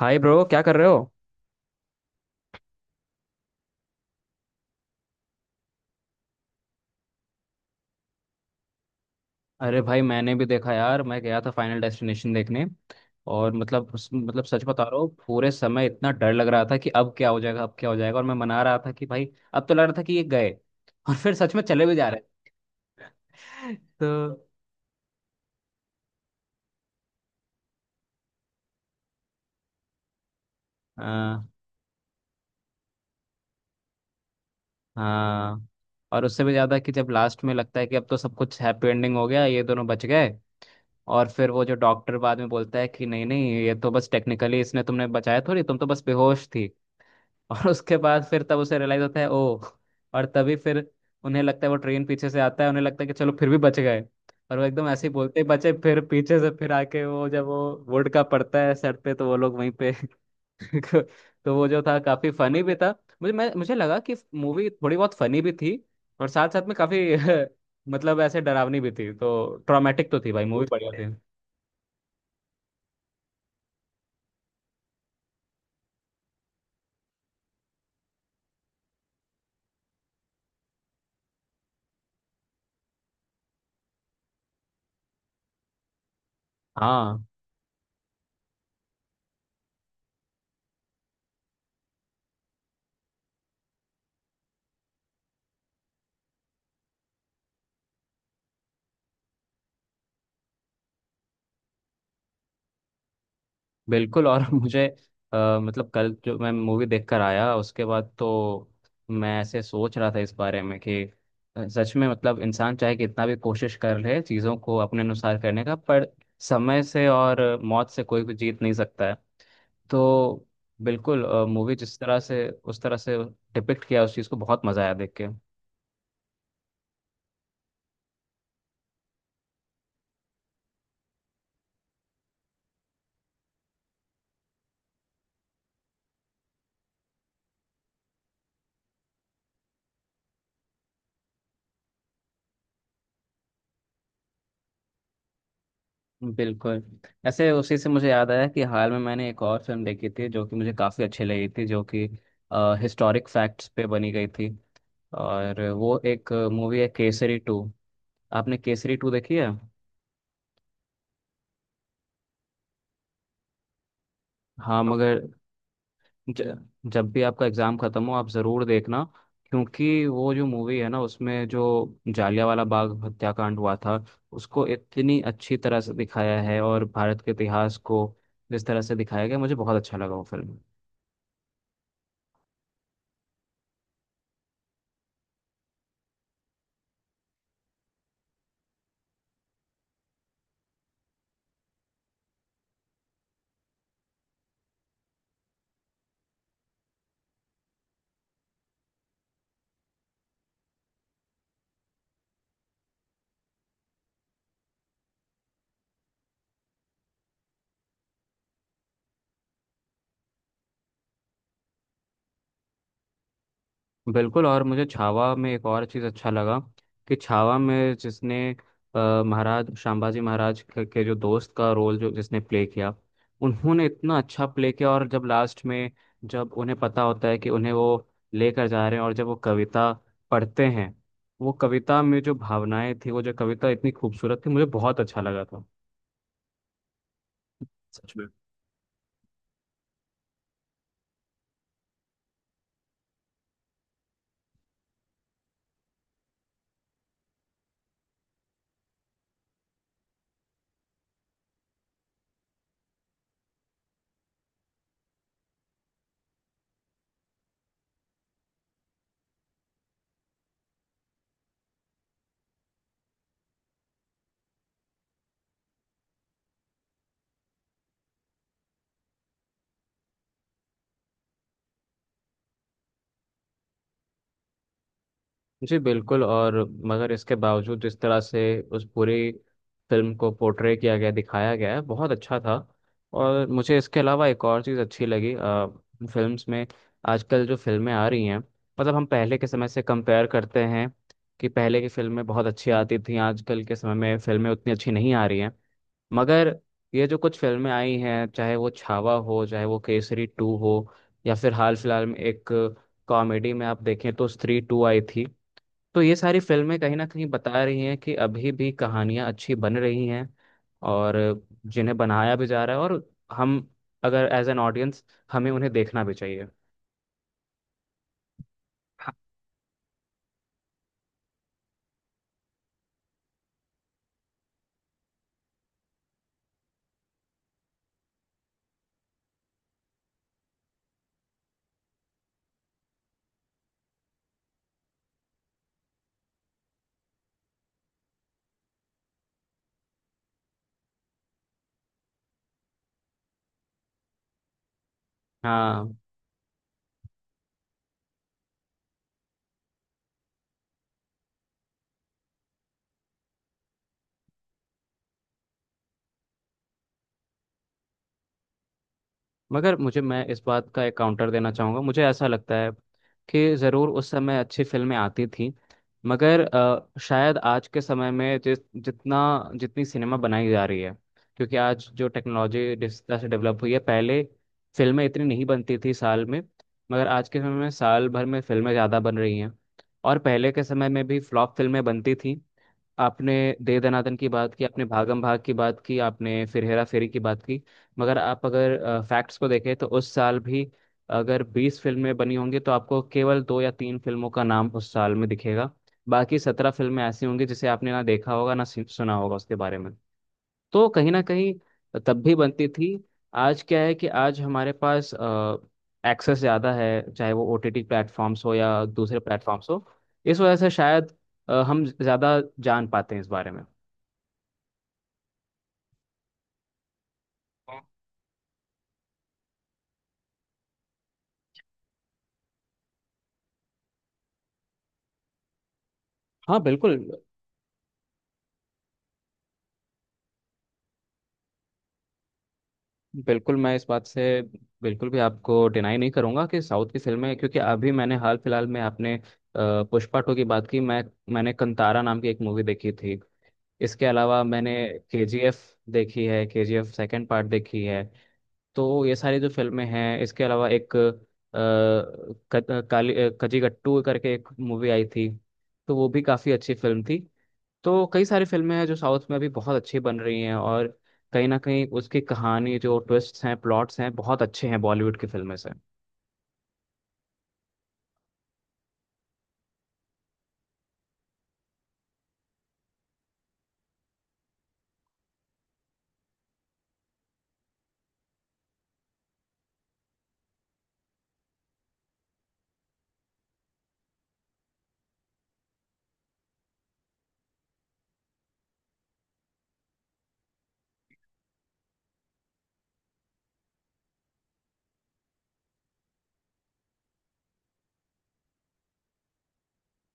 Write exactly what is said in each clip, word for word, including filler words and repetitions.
हाय bro, क्या कर रहे हो? अरे भाई, मैंने भी देखा यार। मैं गया था फाइनल डेस्टिनेशन देखने। और मतलब उस- मतलब सच बता रहा हूँ, पूरे समय इतना डर लग रहा था कि अब क्या हो जाएगा, अब क्या हो जाएगा। और मैं मना रहा था कि भाई, अब तो लग रहा था कि ये गए। और फिर सच में चले भी जा रहे हैं। तो हाँ, हाँ। और उससे भी ज्यादा कि जब लास्ट में लगता है कि अब तो सब कुछ हैप्पी एंडिंग हो गया, ये दोनों बच गए। और फिर वो जो डॉक्टर बाद में बोलता है कि नहीं नहीं, ये तो बस टेक्निकली इसने तुमने बचाया थोड़ी, तुम तो बस बेहोश थी। और उसके बाद फिर तब उसे रियलाइज होता है, ओ। और तभी फिर उन्हें लगता है वो ट्रेन पीछे से आता है, उन्हें लगता है कि चलो फिर भी बच गए। और वो एकदम ऐसे ही बोलते ही बचे, फिर पीछे से फिर आके वो जब वो वुड का पड़ता है सर पे, तो वो लोग वहीं पे। तो वो जो था, काफी फनी भी था। मुझे मैं मुझे लगा कि मूवी थोड़ी बहुत फनी भी थी। और साथ साथ में काफी मतलब ऐसे डरावनी भी थी। तो ट्रॉमेटिक तो थी भाई, मूवी बढ़िया थी। हाँ बिल्कुल। और मुझे अ, मतलब कल जो मैं मूवी देखकर आया उसके बाद तो मैं ऐसे सोच रहा था इस बारे में कि अ, सच में मतलब इंसान चाहे कितना भी कोशिश कर ले चीज़ों को अपने अनुसार करने का, पर समय से और अ, मौत से कोई भी जीत नहीं सकता है। तो बिल्कुल, मूवी जिस तरह से उस तरह से डिपिक्ट किया उस चीज़ को, बहुत मज़ा आया देख के। बिल्कुल। ऐसे उसी से मुझे याद आया कि हाल में मैंने एक और फिल्म देखी थी, जो कि मुझे काफ़ी अच्छी लगी थी, जो कि हिस्टोरिक फैक्ट्स पे बनी गई थी। और वो एक मूवी है, केसरी टू। आपने केसरी टू देखी है? हाँ। मगर ज, जब भी आपका एग्ज़ाम ख़त्म हो, आप ज़रूर देखना। क्योंकि वो जो मूवी है ना, उसमें जो जालियांवाला बाग हत्याकांड हुआ था, उसको इतनी अच्छी तरह से दिखाया है, और भारत के इतिहास को जिस तरह से दिखाया गया, मुझे बहुत अच्छा लगा वो फिल्म। बिल्कुल। और मुझे छावा में एक और चीज़ अच्छा लगा, कि छावा में जिसने अ, महाराज शांबाजी महाराज के, के जो दोस्त का रोल, जो जिसने प्ले किया, उन्होंने इतना अच्छा प्ले किया। और जब लास्ट में, जब उन्हें पता होता है कि उन्हें वो लेकर जा रहे हैं, और जब वो कविता पढ़ते हैं, वो कविता में जो भावनाएं थी, वो जो कविता इतनी खूबसूरत थी, मुझे बहुत अच्छा लगा था। सच। जी बिल्कुल। और मगर इसके बावजूद जिस तरह से उस पूरी फिल्म को पोर्ट्रे किया गया, दिखाया गया है, बहुत अच्छा था। और मुझे इसके अलावा एक और चीज़ अच्छी लगी, आ, फिल्म्स में, आजकल जो फिल्में आ रही हैं, मतलब हम पहले के समय से कंपेयर करते हैं कि पहले की फिल्में बहुत अच्छी आती थी, आजकल के समय में फिल्में उतनी अच्छी नहीं आ रही हैं। मगर ये जो कुछ फिल्में आई हैं, चाहे वो छावा हो, चाहे वो केसरी टू हो, या फिर हाल फिलहाल में एक कॉमेडी में आप देखें तो स्त्री टू आई थी। तो ये सारी फिल्में कहीं ना कहीं बता रही हैं कि अभी भी कहानियां अच्छी बन रही हैं और जिन्हें बनाया भी जा रहा है। और हम, अगर एज एन ऑडियंस, हमें उन्हें देखना भी चाहिए। हाँ, हाँ। मगर मुझे मैं इस बात का एक काउंटर देना चाहूँगा। मुझे ऐसा लगता है कि ज़रूर उस समय अच्छी फिल्में आती थीं, मगर अ, शायद आज के समय में जिस जितना जितनी सिनेमा बनाई जा रही है, क्योंकि आज जो टेक्नोलॉजी जिस तरह से डेवलप हुई है, पहले फिल्में इतनी नहीं बनती थी साल में। मगर आज के समय में साल भर में फिल्में ज़्यादा बन रही हैं। और पहले के समय में भी फ्लॉप फिल्में बनती थीं। आपने दे दनादन की बात की, आपने भागम भाग की बात की, आपने फिर हेरा फेरी की बात की। मगर आप अगर फैक्ट्स को देखें, तो उस साल भी अगर बीस फिल्में बनी होंगी, तो आपको केवल दो या तीन फिल्मों का नाम उस साल में दिखेगा। बाकी सत्रह फिल्में ऐसी होंगी जिसे आपने ना देखा होगा, ना सुन- सुना होगा उसके बारे में। तो कहीं ना कहीं तब भी बनती थी। आज क्या है कि आज हमारे पास एक्सेस ज़्यादा है, चाहे वो ओटीटी प्लेटफॉर्म्स हो या दूसरे प्लेटफॉर्म्स हो। इस वजह से शायद अ, हम ज़्यादा जान पाते हैं इस बारे में। हाँ बिल्कुल। बिल्कुल, मैं इस बात से बिल्कुल भी आपको डिनाई नहीं करूंगा कि साउथ की फिल्में, क्योंकि अभी मैंने हाल फिलहाल में, आपने अ, पुष्पा टू की बात की, मैं मैंने कंतारा नाम की एक मूवी देखी थी। इसके अलावा मैंने केजीएफ देखी है, केजीएफ सेकंड पार्ट देखी है। तो ये सारी जो फिल्में हैं, इसके अलावा एक अ, क- काली अ, कजिगट्टू करके एक मूवी आई थी, तो वो भी काफ़ी अच्छी फिल्म थी। तो कई सारी फिल्में हैं जो साउथ में अभी बहुत अच्छी बन रही हैं, और कहीं ना कहीं उसकी कहानी, जो ट्विस्ट्स हैं, प्लॉट्स हैं, बहुत अच्छे हैं बॉलीवुड की फिल्में से।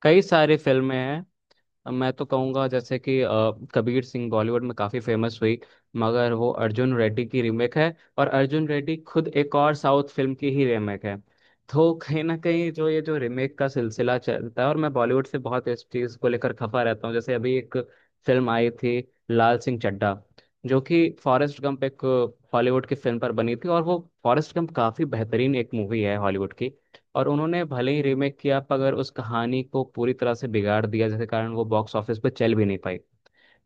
कई सारी फिल्में हैं। अब मैं तो कहूँगा, जैसे कि अ, कबीर सिंह बॉलीवुड में काफ़ी फेमस हुई, मगर वो अर्जुन रेड्डी की रीमेक है। और अर्जुन रेड्डी खुद एक और साउथ फिल्म की ही रीमेक है। तो कहीं ना कहीं जो ये जो रीमेक का सिलसिला चलता है, और मैं बॉलीवुड से बहुत इस चीज़ को लेकर खफा रहता हूँ। जैसे अभी एक फिल्म आई थी, लाल सिंह चड्ढा, जो कि फॉरेस्ट गंप, एक हॉलीवुड की फिल्म पर बनी थी, और वो फॉरेस्ट गंप काफ़ी बेहतरीन एक मूवी है हॉलीवुड की। और उन्होंने भले ही रीमेक किया, पर अगर उस कहानी को पूरी तरह से बिगाड़ दिया, जिसके कारण वो बॉक्स ऑफिस पर चल भी नहीं पाई।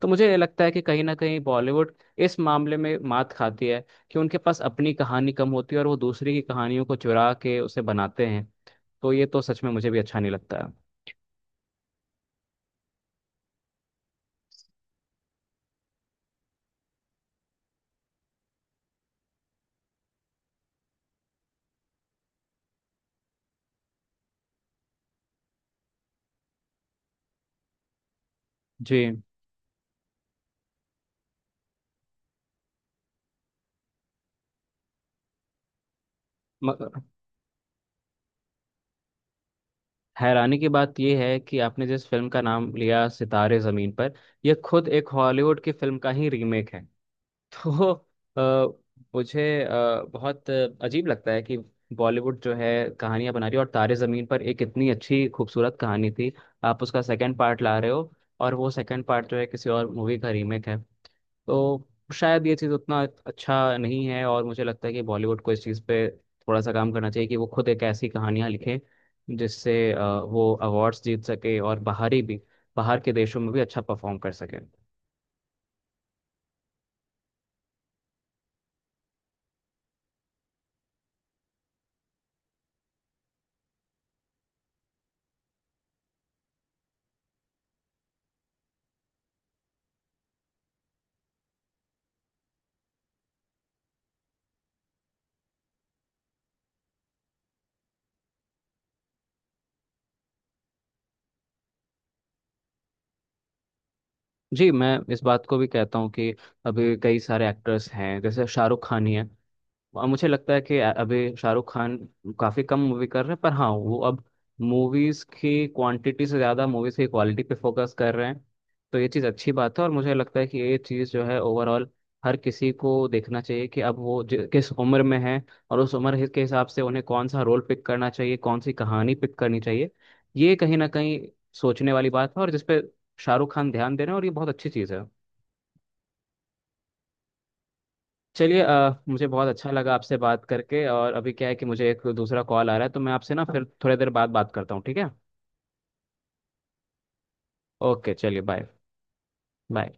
तो मुझे ये लगता है कि कहीं ना कहीं बॉलीवुड इस मामले में मात खाती है, कि उनके पास अपनी कहानी कम होती है और वो दूसरी की कहानियों को चुरा के उसे बनाते हैं। तो ये तो सच में मुझे भी अच्छा नहीं लगता है। जी। मगर हैरानी की बात यह है कि आपने जिस फिल्म का नाम लिया, सितारे ज़मीन पर, यह खुद एक हॉलीवुड की फिल्म का ही रीमेक है। तो अ, मुझे अ, बहुत अजीब लगता है कि बॉलीवुड जो है कहानियां बना रही है, और तारे जमीन पर एक इतनी अच्छी खूबसूरत कहानी थी, आप उसका सेकंड पार्ट ला रहे हो, और वो सेकंड पार्ट जो है किसी और मूवी का रीमेक है। तो शायद ये चीज़ उतना अच्छा नहीं है, और मुझे लगता है कि बॉलीवुड को इस चीज़ पे थोड़ा सा काम करना चाहिए, कि वो खुद एक ऐसी कहानियां लिखें, जिससे अ, वो अवार्ड्स जीत सके और बाहरी भी बाहर के देशों में भी अच्छा परफॉर्म कर सके। जी, मैं इस बात को भी कहता हूँ कि अभी कई सारे एक्टर्स हैं जैसे शाहरुख खान ही है। और मुझे लगता है कि अ- अभी शाहरुख खान काफी कम मूवी कर रहे हैं, पर हाँ वो अब मूवीज की क्वांटिटी से ज्यादा मूवीज की क्वालिटी पे फोकस कर रहे हैं। तो ये चीज अच्छी बात है। और मुझे लगता है कि ये चीज जो है ओवरऑल हर किसी को देखना चाहिए कि अब वो जि- किस उम्र में है, और उस उम्र के हिसाब से उन्हें कौन सा रोल पिक करना चाहिए, कौन सी कहानी पिक करनी चाहिए। ये कहीं ना कहीं सोचने वाली बात है, और जिसपे शाहरुख खान ध्यान दे रहे हैं, और ये बहुत अच्छी चीज है। चलिए, अ, मुझे बहुत अच्छा लगा आपसे बात करके। और अभी क्या है कि मुझे एक दूसरा कॉल आ रहा है, तो मैं आपसे ना फिर थोड़ी देर बाद बात करता हूँ, ठीक है? ओके, चलिए, बाय। बाय।